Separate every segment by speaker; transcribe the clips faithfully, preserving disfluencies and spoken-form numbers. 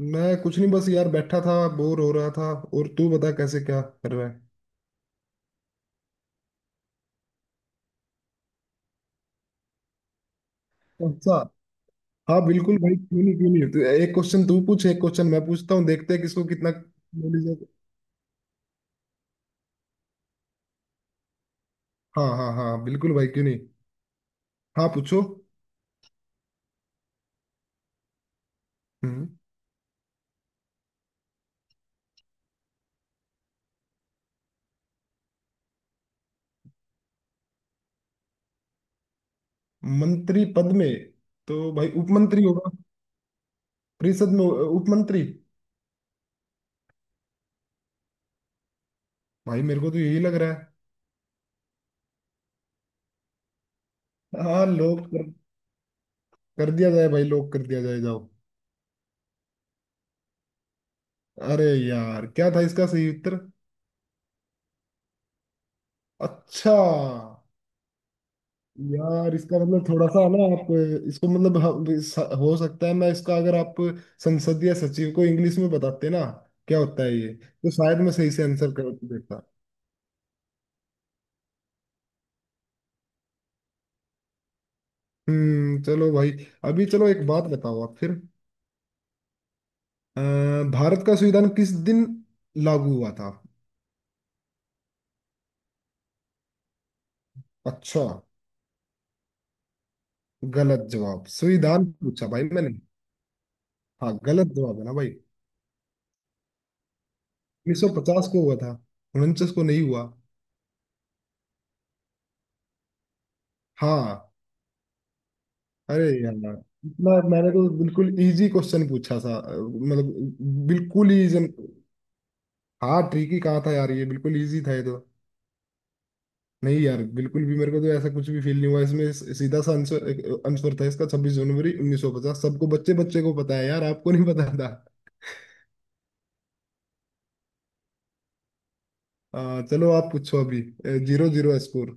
Speaker 1: मैं कुछ नहीं, बस यार बैठा था, बोर हो रहा था। और तू बता, कैसे क्या कर रहा है? अच्छा। हाँ बिल्कुल भाई, क्यों नहीं क्यों नहीं। तो एक क्वेश्चन तू पूछ, एक क्वेश्चन मैं पूछता हूँ, देखते हैं किसको कितना नॉलेज है। हाँ हाँ हाँ बिल्कुल भाई, क्यों नहीं। हाँ पूछो। हम्म। मंत्री पद में तो भाई उपमंत्री होगा। परिषद में उपमंत्री। भाई मेरे को तो यही लग रहा है। हाँ लोग कर, कर दिया जाए भाई, लोग कर दिया जाए, जाओ। अरे यार, क्या था इसका सही उत्तर? अच्छा। यार इसका मतलब थोड़ा सा ना आप, इसको मतलब हम- स- हो सकता है मैं इसका, अगर आप संसदीय सचिव को इंग्लिश में बताते ना क्या होता है, ये तो शायद मैं सही से आंसर कर देता। हम्म, चलो भाई। अभी चलो एक बात बताओ आप फिर। अ, भारत का संविधान किस दिन लागू हुआ था? अच्छा। गलत जवाब, संविधान पूछा भाई मैंने। हाँ गलत जवाब है ना भाई। उन्नीस सौ पचास को हुआ था, उनचास को नहीं हुआ। हाँ। अरे यार, इतना मैंने तो बिल्कुल इजी क्वेश्चन पूछा था। अ, मतलब बिल्कुल ही easy- हाँ ट्रिकी कहा था यार, ये बिल्कुल इजी था ये तो। नहीं यार बिल्कुल भी मेरे को तो ऐसा कुछ भी फील नहीं हुआ इसमें। स- सीधा सा आंसर आंसर था इसका, छब्बीस जनवरी उन्नीस सौ पचास, सबको बच्चे बच्चे को पता है यार, आपको नहीं पता था? अ, चलो आप पूछो अभी। Zero zero score.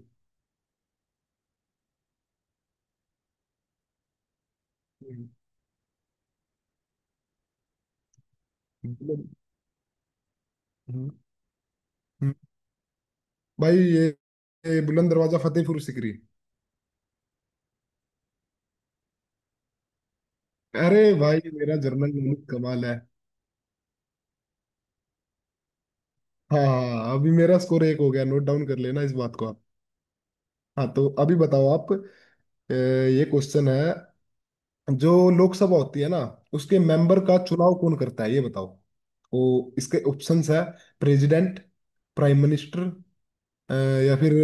Speaker 1: भाई ये, ये बुलंद दरवाजा फतेहपुर सिकरी। अरे भाई, मेरा जर्नल नॉलेज कमाल है। हाँ अभी मेरा स्कोर एक हो गया, नोट डाउन कर लेना इस बात को आप। हाँ तो अभी बताओ आप। अ, ये क्वेश्चन है, जो लोकसभा होती है ना, उसके मेंबर का चुनाव कौन करता है, ये बताओ। तो इसके ऑप्शंस है, प्रेसिडेंट, प्राइम मिनिस्टर, अ, या फिर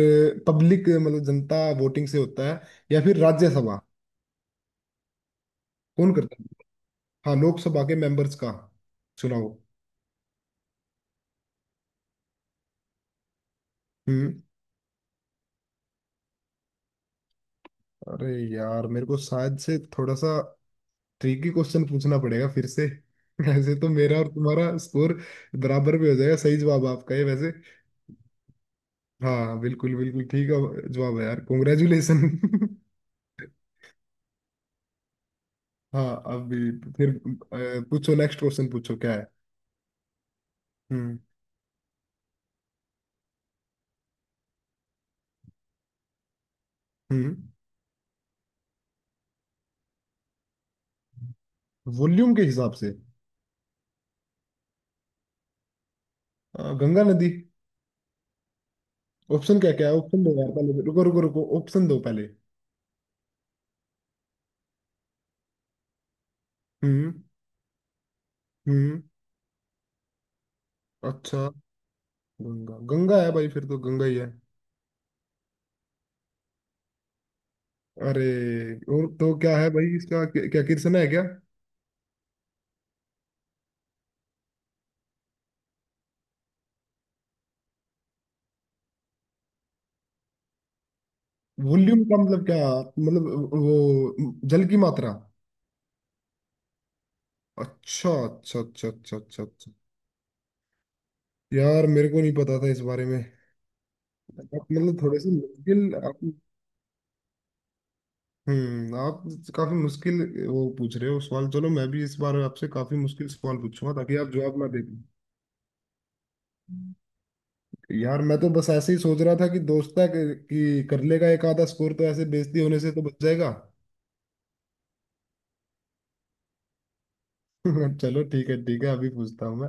Speaker 1: पब्लिक मतलब जनता वोटिंग से होता है, या फिर राज्यसभा। कौन करता है? हाँ लोकसभा के मेंबर्स का चुनाव। हम्म। अरे यार मेरे को शायद से थोड़ा सा ट्रिकी क्वेश्चन पूछना पड़ेगा फिर से। ऐसे तो मेरा और तुम्हारा स्कोर बराबर भी हो जाएगा। सही जवाब आपका है वैसे। हाँ बिल्कुल बिल्कुल ठीक है जवाब, है यार कॉन्ग्रेचुलेशन। हाँ अभी फिर, अ, पूछो नेक्स्ट क्वेश्चन पूछो क्या है। हम्म हम्म। वॉल्यूम के हिसाब से अ, गंगा नदी। ऑप्शन क्या क्या है? ऑप्शन दो यार पहले, रुको रुको रुको, ऑप्शन दो पहले। हम्म हम्म। अच्छा गंगा, गंगा है भाई, फिर तो गंगा ही है। अरे, और तो क्या है भाई इसका, क्या क्या कृष्ण है क्या? वॉल्यूम का मतलब क्या, मतलब वो जल की मात्रा? अच्छा अच्छा अच्छा अच्छा अच्छा अच्छा। यार मेरे को नहीं पता था इस बारे में। आप मतलब थोड़े से मुश्किल आप। हम्म, आप काफी मुश्किल वो पूछ रहे हो सवाल, चलो मैं भी इस बार आपसे काफी मुश्किल सवाल पूछूंगा, ताकि आप जवाब ना दे पाओ। यार मैं तो बस ऐसे ही सोच रहा था कि दोस्त है कि कि कर लेगा एक आधा स्कोर, तो ऐसे बेइज्जती होने से तो बच जाएगा। चलो ठीक है ठीक है, अभी पूछता हूँ मैं।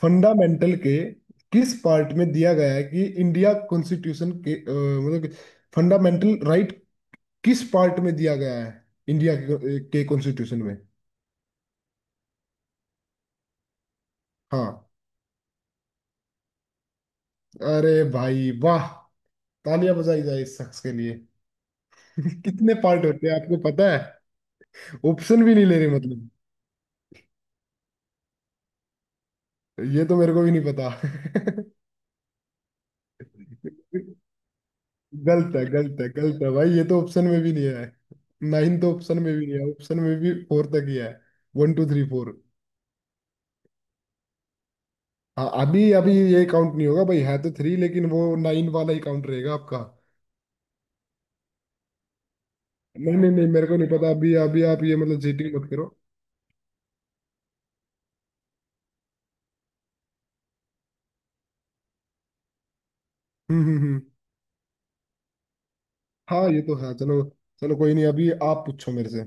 Speaker 1: फंडामेंटल के किस पार्ट में दिया गया है कि इंडिया कॉन्स्टिट्यूशन के अ, मतलब फंडामेंटल राइट किस पार्ट में दिया गया है, इंडिया के के कॉन्स्टिट्यूशन में? हाँ। अरे भाई वाह, तालियां बजाई जाए इस शख्स के लिए। कितने पार्ट होते हैं आपको पता है? ऑप्शन भी नहीं ले रहे मतलब। ये तो मेरे को भी नहीं पता। गलत है गलत है गलत है भाई, ये तो ऑप्शन में भी नहीं है। नाइन तो ऑप्शन में भी नहीं है, ऑप्शन में भी फोर तक ही है। One two three four. हाँ अभी अभी ये काउंट नहीं होगा भाई, है तो थ्री, लेकिन वो नाइन वाला ही काउंट रहेगा आपका। नहीं नहीं नहीं, मेरे को नहीं पता अभी अभी, आप ये मतलब चीटिंग मत करो। हम्म हम्म हम्म। हाँ ये तो है, चलो। चलो कोई नहीं, अभी आप पूछो मेरे से।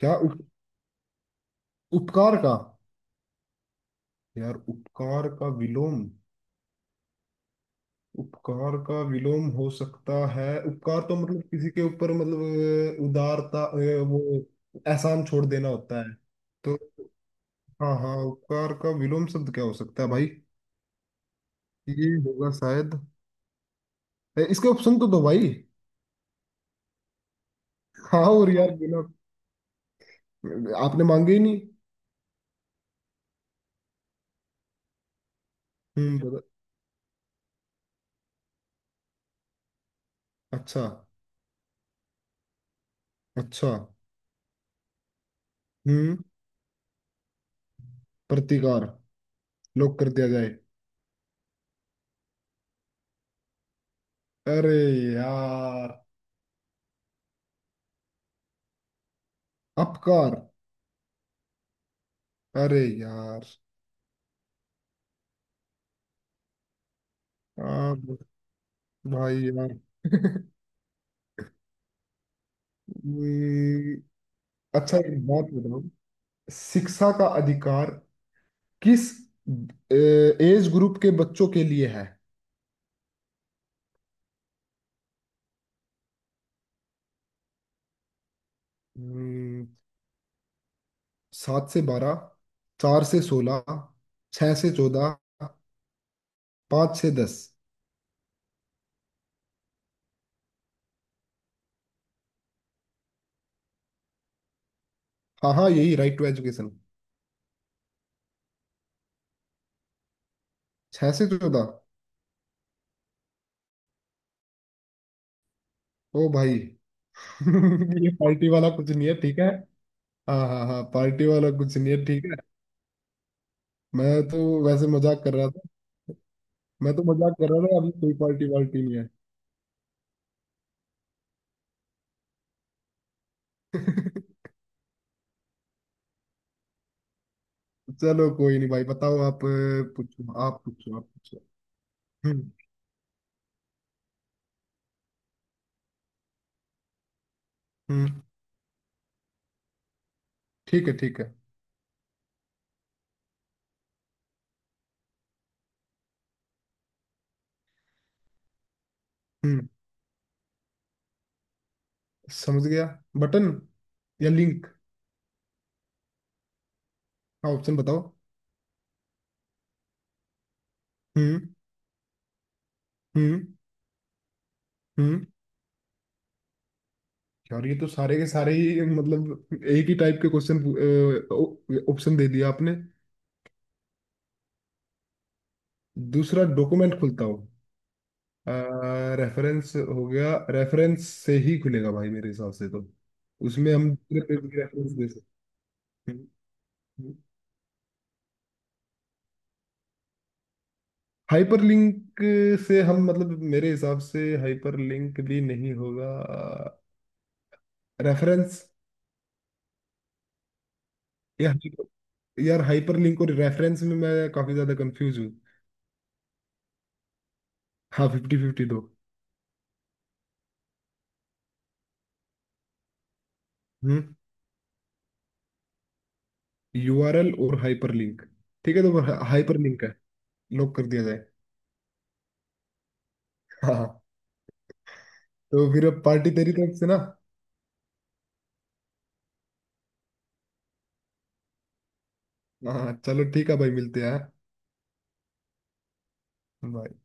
Speaker 1: क्या उप, उपकार का? यार उपकार का विलोम, उपकार का विलोम हो सकता है, उपकार तो मतलब किसी के ऊपर मतलब अ, उदारता, अ, वो एहसान छोड़ देना होता है। तो हाँ हाँ, उपकार का विलोम शब्द क्या हो सकता है भाई? ये होगा शायद, इसके ऑप्शन तो दो भाई। हाँ और यार बिना आपने मांगे ही नहीं। हम्म बता- अच्छा अच्छा। हम्म, प्रतिकार, लॉक कर दिया जाए। अरे यार, अपकार? अरे यार आप भाई यार। हम्म, अच्छा एक बात बताओ, शिक्षा का अधिकार किस एज ग्रुप के बच्चों के लिए है? हम्म, सात से बारह, चार से सोलह, छह से चौदह, पाँच से दस। हाँ हाँ, यही राइट टू एजुकेशन। छह से चौदह। ओ भाई। ये पार्टी वाला कुछ नहीं है ठीक है? हाँ हाँ हाँ, पार्टी वाला कुछ नहीं है ठीक है, मैं तो वैसे मजाक कर रहा था। मैं तो मजाक कर रहा था, अभी कोई पार्टी वार्टी नहीं है। चलो कोई नहीं भाई, बताओ आप, अ, पूछो आप, पूछो आप, पूछो। हम्म हम्म। ठीक है ठीक है। हम्म, समझ गया। बटन या लिंक? हाँ ऑप्शन बताओ। हम्म हम्म हम्म। यार ये तो सारे के सारे ही मतलब एक ही टाइप के क्वेश्चन ऑप्शन दे दिया आपने। दूसरा डॉक्यूमेंट खुलता हो? रेफरेंस हो गया, रेफरेंस से ही खुलेगा भाई मेरे हिसाब से तो, उसमें हम दूसरे पेज की रेफरेंस दे सकते हैं। हाइपर लिंक से हम मतलब, मेरे हिसाब से हाइपर लिंक भी नहीं होगा, रेफरेंस। यार यार हाइपर लिंक और रेफरेंस में मैं काफी ज्यादा कंफ्यूज हूँ। हाँ फिफ्टी फिफ्टी दो। हम्म। यूआरएल और हाइपरलिंक, ठीक है तो हाइपरलिंक है, लॉक कर दिया जाए। हाँ तो फिर अब पार्टी तेरी तरफ से ना? हाँ चलो ठीक है भाई, मिलते हैं, हाँ। Bye.